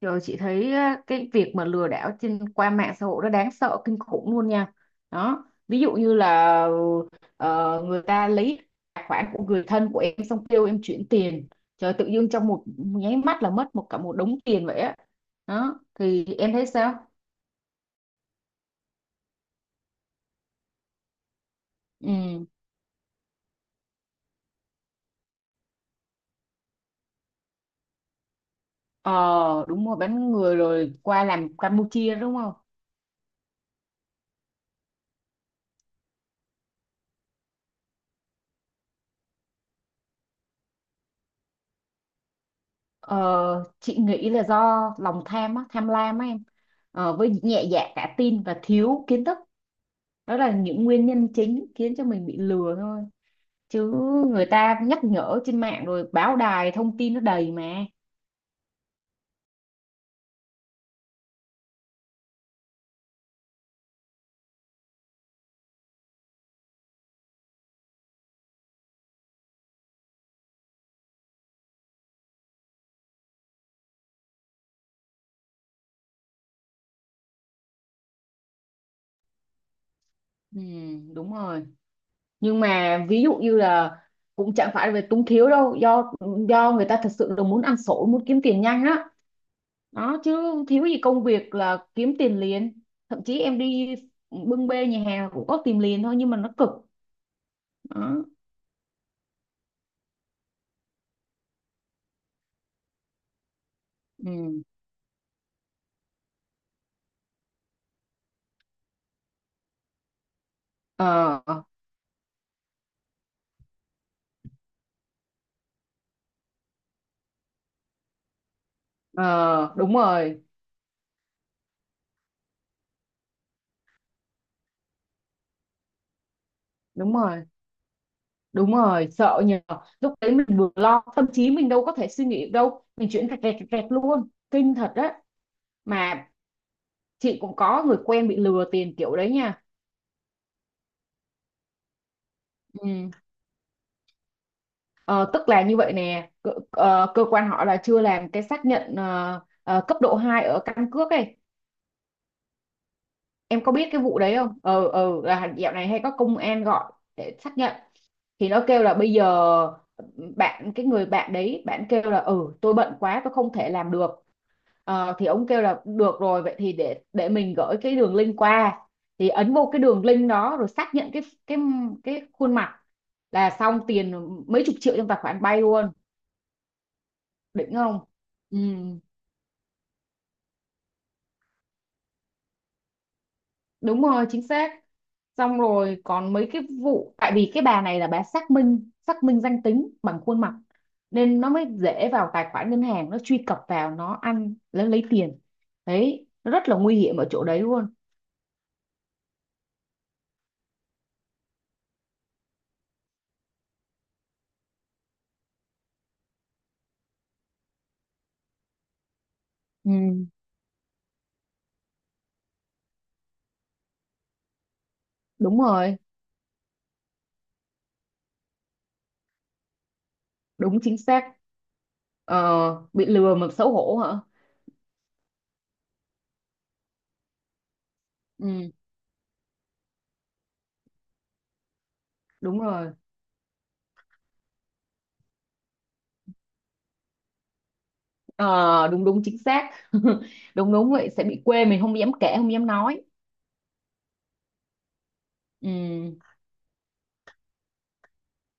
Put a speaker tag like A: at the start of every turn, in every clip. A: Rồi chị thấy á, cái việc mà lừa đảo qua mạng xã hội nó đáng sợ kinh khủng luôn nha. Đó, ví dụ như là người ta lấy tài khoản của người thân của em xong kêu em chuyển tiền. Trời tự dưng trong một nháy mắt là mất một cả một đống tiền vậy á. Đó, thì em thấy sao? Ừ. Ờ, đúng rồi, bán người rồi qua làm Campuchia đúng không? Ờ, chị nghĩ là do lòng tham á, tham lam á em. Với nhẹ dạ cả tin và thiếu kiến thức, đó là những nguyên nhân chính khiến cho mình bị lừa thôi, chứ người ta nhắc nhở trên mạng rồi, báo đài thông tin nó đầy mà. Ừ, đúng rồi. Nhưng mà ví dụ như là cũng chẳng phải về túng thiếu đâu, do người ta thật sự là muốn ăn xổi, muốn kiếm tiền nhanh á. Đó, chứ thiếu gì công việc là kiếm tiền liền, thậm chí em đi bưng bê nhà hàng cũng có tìm liền thôi nhưng mà nó cực. Đó. Ừ. ờ ờ, Đúng rồi, đúng rồi. Đúng rồi, sợ nhờ. Lúc đấy mình vừa lo, tâm trí mình đâu có thể suy nghĩ được đâu. Mình chuyển rẹt rẹt rẹt rẹt luôn. Kinh thật đấy. Mà chị cũng có người quen bị lừa tiền kiểu đấy nha. Ừ. Ờ, Tức là như vậy nè, cơ quan họ là chưa làm cái xác nhận cấp độ 2 ở căn cước ấy. Em có biết cái vụ đấy không? Ờ, là dạo này hay có công an gọi để xác nhận. Thì nó kêu là bây giờ bạn, cái người bạn đấy bạn kêu là ừ, tôi bận quá, tôi không thể làm được. Ờ, thì ông kêu là được rồi, vậy thì để mình gửi cái đường link qua, thì ấn vô cái đường link đó rồi xác nhận cái khuôn mặt là xong, tiền mấy chục triệu trong tài khoản bay luôn. Đỉnh không? Ừ, đúng rồi, chính xác. Xong rồi còn mấy cái vụ, tại vì cái bà này là bà xác minh danh tính bằng khuôn mặt nên nó mới dễ vào tài khoản ngân hàng, nó truy cập vào, nó ăn, nó lấy tiền. Đấy, nó rất là nguy hiểm ở chỗ đấy luôn. Ừ, đúng rồi. Đúng, chính xác. Ờ, bị lừa mà xấu hổ hả? Ừ, đúng rồi. Ờ, đúng đúng, chính xác. Đúng đúng vậy, sẽ bị quê, mình không dám kể, không dám nói. Ừ,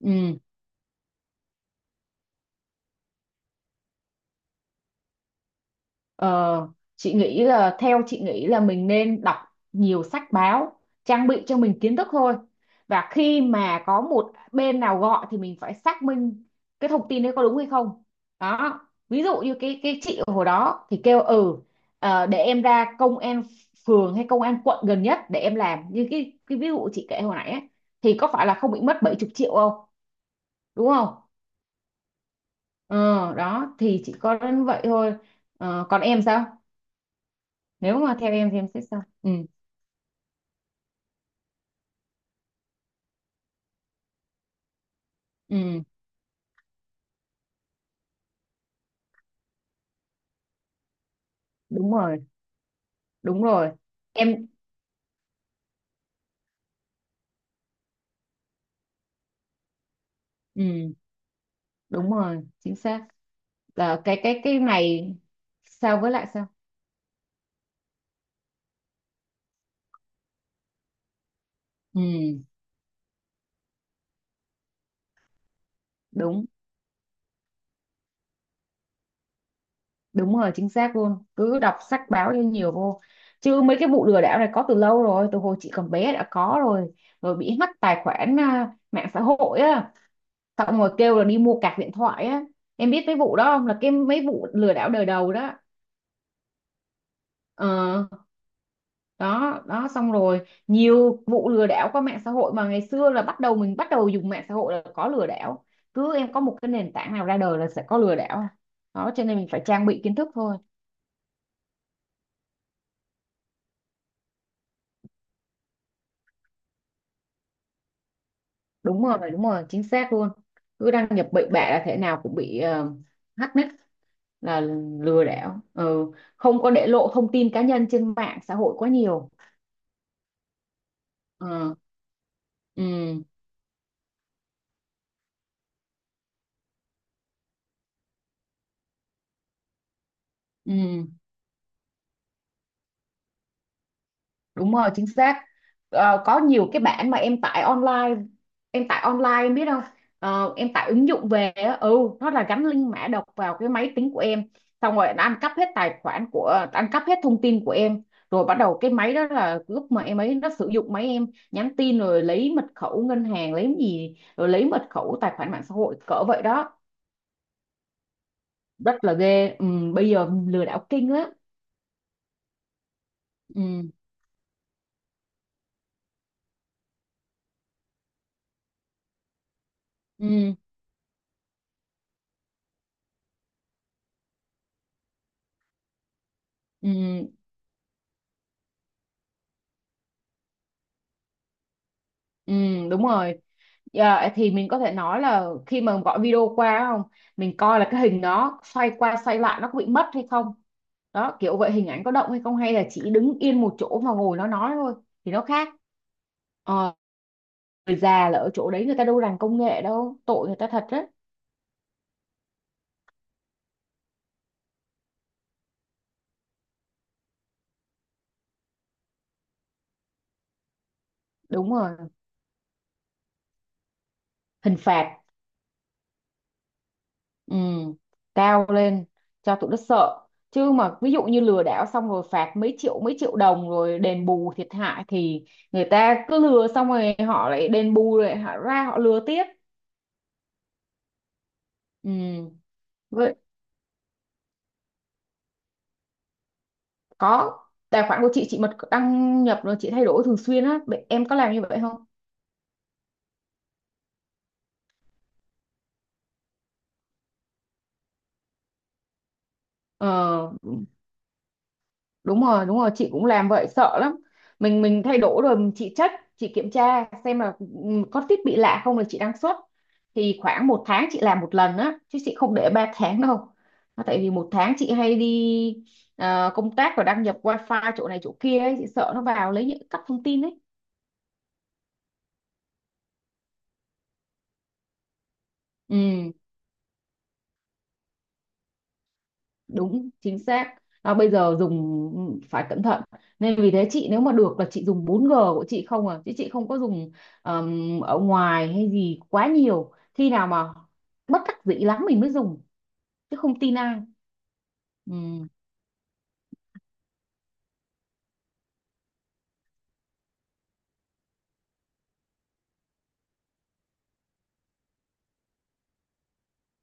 A: ừ. Ờ, chị nghĩ là Theo chị nghĩ là mình nên đọc nhiều sách báo, trang bị cho mình kiến thức thôi, và khi mà có một bên nào gọi thì mình phải xác minh cái thông tin đấy có đúng hay không. Đó, ví dụ như cái chị ở hồi đó thì kêu ừ, để em ra công an phường hay công an quận gần nhất để em làm, như cái ví dụ chị kể hồi nãy ấy, thì có phải là không bị mất 70 triệu không, đúng không? ờ Đó, thì chỉ có đến vậy thôi. Ờ, còn em sao, nếu mà theo em thì em sẽ sao? Ừ, ừ, đúng rồi, đúng rồi em. Ừ, đúng rồi, chính xác là cái này. Sao, với lại sao? Ừ, đúng, đúng rồi, chính xác luôn, cứ đọc sách báo cho nhiều vô, chứ mấy cái vụ lừa đảo này có từ lâu rồi, từ hồi chị còn bé đã có rồi rồi bị hack tài khoản à, mạng xã hội á, xong rồi kêu là đi mua cạc điện thoại á. Em biết mấy vụ đó không, là cái mấy vụ lừa đảo đời đầu đó. ờ Đó đó, xong rồi nhiều vụ lừa đảo qua mạng xã hội mà ngày xưa là bắt đầu mình bắt đầu dùng mạng xã hội là có lừa đảo. Cứ em có một cái nền tảng nào ra đời là sẽ có lừa đảo. Đó, cho nên mình phải trang bị kiến thức thôi. Đúng rồi, đúng rồi, chính xác luôn. Cứ đăng nhập bậy bạ là thế nào cũng bị hack nick, là lừa đảo. Ừ. Không có để lộ thông tin cá nhân trên mạng xã hội quá nhiều. Ờ, ừ, ừ. Đúng rồi, chính xác. Ờ, có nhiều cái bản mà em tải online, em biết không? Ờ, em tải ứng dụng về á, nó là gắn link mã độc vào cái máy tính của em, xong rồi nó ăn cắp hết tài khoản của, ăn cắp hết thông tin của em, rồi bắt đầu cái máy đó là lúc mà em ấy, nó sử dụng máy em nhắn tin, rồi lấy mật khẩu ngân hàng, lấy gì, rồi lấy mật khẩu tài khoản mạng xã hội, cỡ vậy đó. Rất là ghê. Ừ, Bây giờ lừa đảo kinh lắm. Ừ, ừ, ừ. Ừ, đúng rồi. Dạ, thì mình có thể nói là khi mà gọi video qua không, mình coi là cái hình đó xoay qua xoay lại nó có bị mất hay không. Đó, kiểu vậy, hình ảnh có động hay không, hay là chỉ đứng yên một chỗ mà ngồi nó nói thôi, thì nó khác. Ờ, người già là ở chỗ đấy, người ta đâu rành công nghệ đâu, tội người ta thật đấy. Đúng rồi, hình phạt. Ừ, cao lên cho tụi nó sợ, chứ mà ví dụ như lừa đảo xong rồi phạt mấy triệu đồng rồi đền bù thiệt hại thì người ta cứ lừa xong rồi họ lại đền bù, rồi họ ra họ lừa tiếp. Ừ. Vậy có, tài khoản của chị mà đăng nhập rồi chị thay đổi thường xuyên á. Vậy em có làm như vậy không? ờ Đúng rồi, đúng rồi, chị cũng làm vậy, sợ lắm. Mình thay đổi rồi, chị kiểm tra xem là, có thiết bị lạ không là chị đăng xuất. Thì khoảng một tháng chị làm một lần á, chứ chị không để 3 tháng đâu. Nó, tại vì một tháng chị hay đi công tác và đăng nhập wifi chỗ này chỗ kia ấy, chị sợ nó vào lấy, những cắp thông tin ấy. ừ Đúng, chính xác. Bây giờ dùng, phải cẩn thận, nên vì thế chị, nếu mà được là chị dùng 4G của chị không à, chứ chị không có dùng, ở ngoài hay gì quá nhiều. Khi nào mà bất đắc dĩ lắm mình mới dùng, chứ không tin ai. Ừm.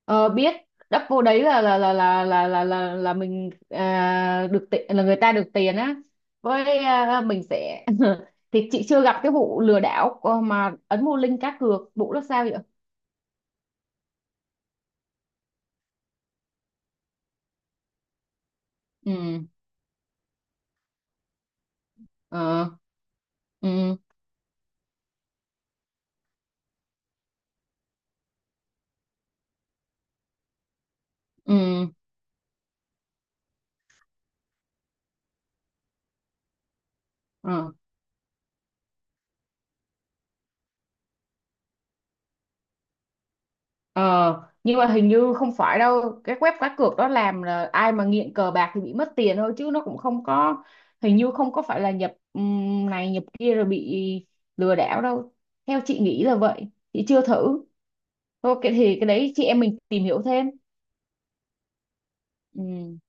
A: Ờ, biết. Đắp vô đấy là là mình được tiền, là người ta được tiền á, với mình sẽ thì chị chưa gặp cái vụ lừa đảo mà ấn mua link cá cược, vụ đó sao vậy? Ừ. Ờ. Ừ, ừ, ừ. Ờ nhưng mà hình như không phải đâu, cái web cá cược đó làm là ai mà nghiện cờ bạc thì bị mất tiền thôi, chứ nó cũng không có. Hình như không có phải là nhập này, nhập kia rồi bị lừa đảo đâu, theo chị nghĩ là vậy. Chị chưa thử. Thôi cái, thì cái đấy chị em mình tìm hiểu thêm. Ừ.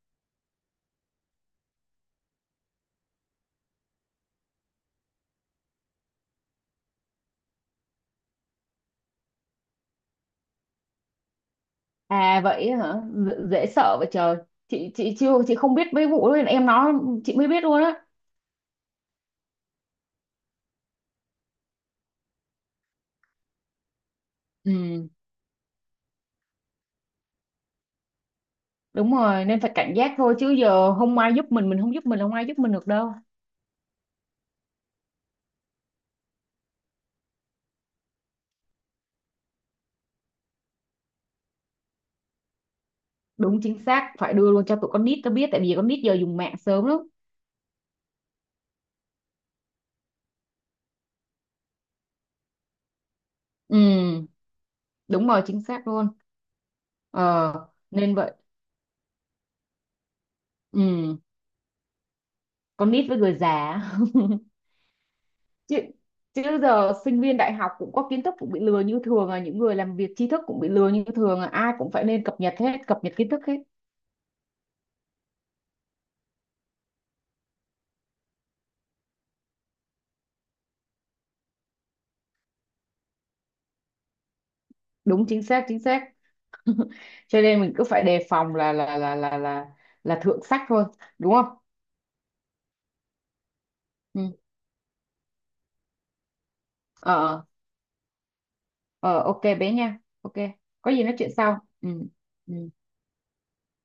A: Vậy hả? Dễ sợ vậy trời. Chị không biết mấy vụ đó em nói, chị mới biết luôn á. Ừ, đúng rồi, nên phải cảnh giác thôi, chứ giờ không ai giúp mình không giúp mình, không ai giúp mình được đâu. Đúng, chính xác, phải đưa luôn cho tụi con nít nó biết, tại vì con nít giờ dùng mạng sớm lắm. Ừ, đúng rồi, chính xác luôn. ờ Nên vậy. Ừ, con nít với người già. chứ chứ giờ sinh viên đại học cũng có kiến thức cũng bị lừa như thường à, những người làm việc tri thức cũng bị lừa như thường à, ai cũng phải nên cập nhật hết, cập nhật kiến thức hết. Đúng, chính xác, chính xác. Cho nên mình cứ phải đề phòng là thượng sách thôi, đúng không? Ừ. ờ ờ, ok bé nha, ok, có gì nói chuyện sau. Ừ, ừ.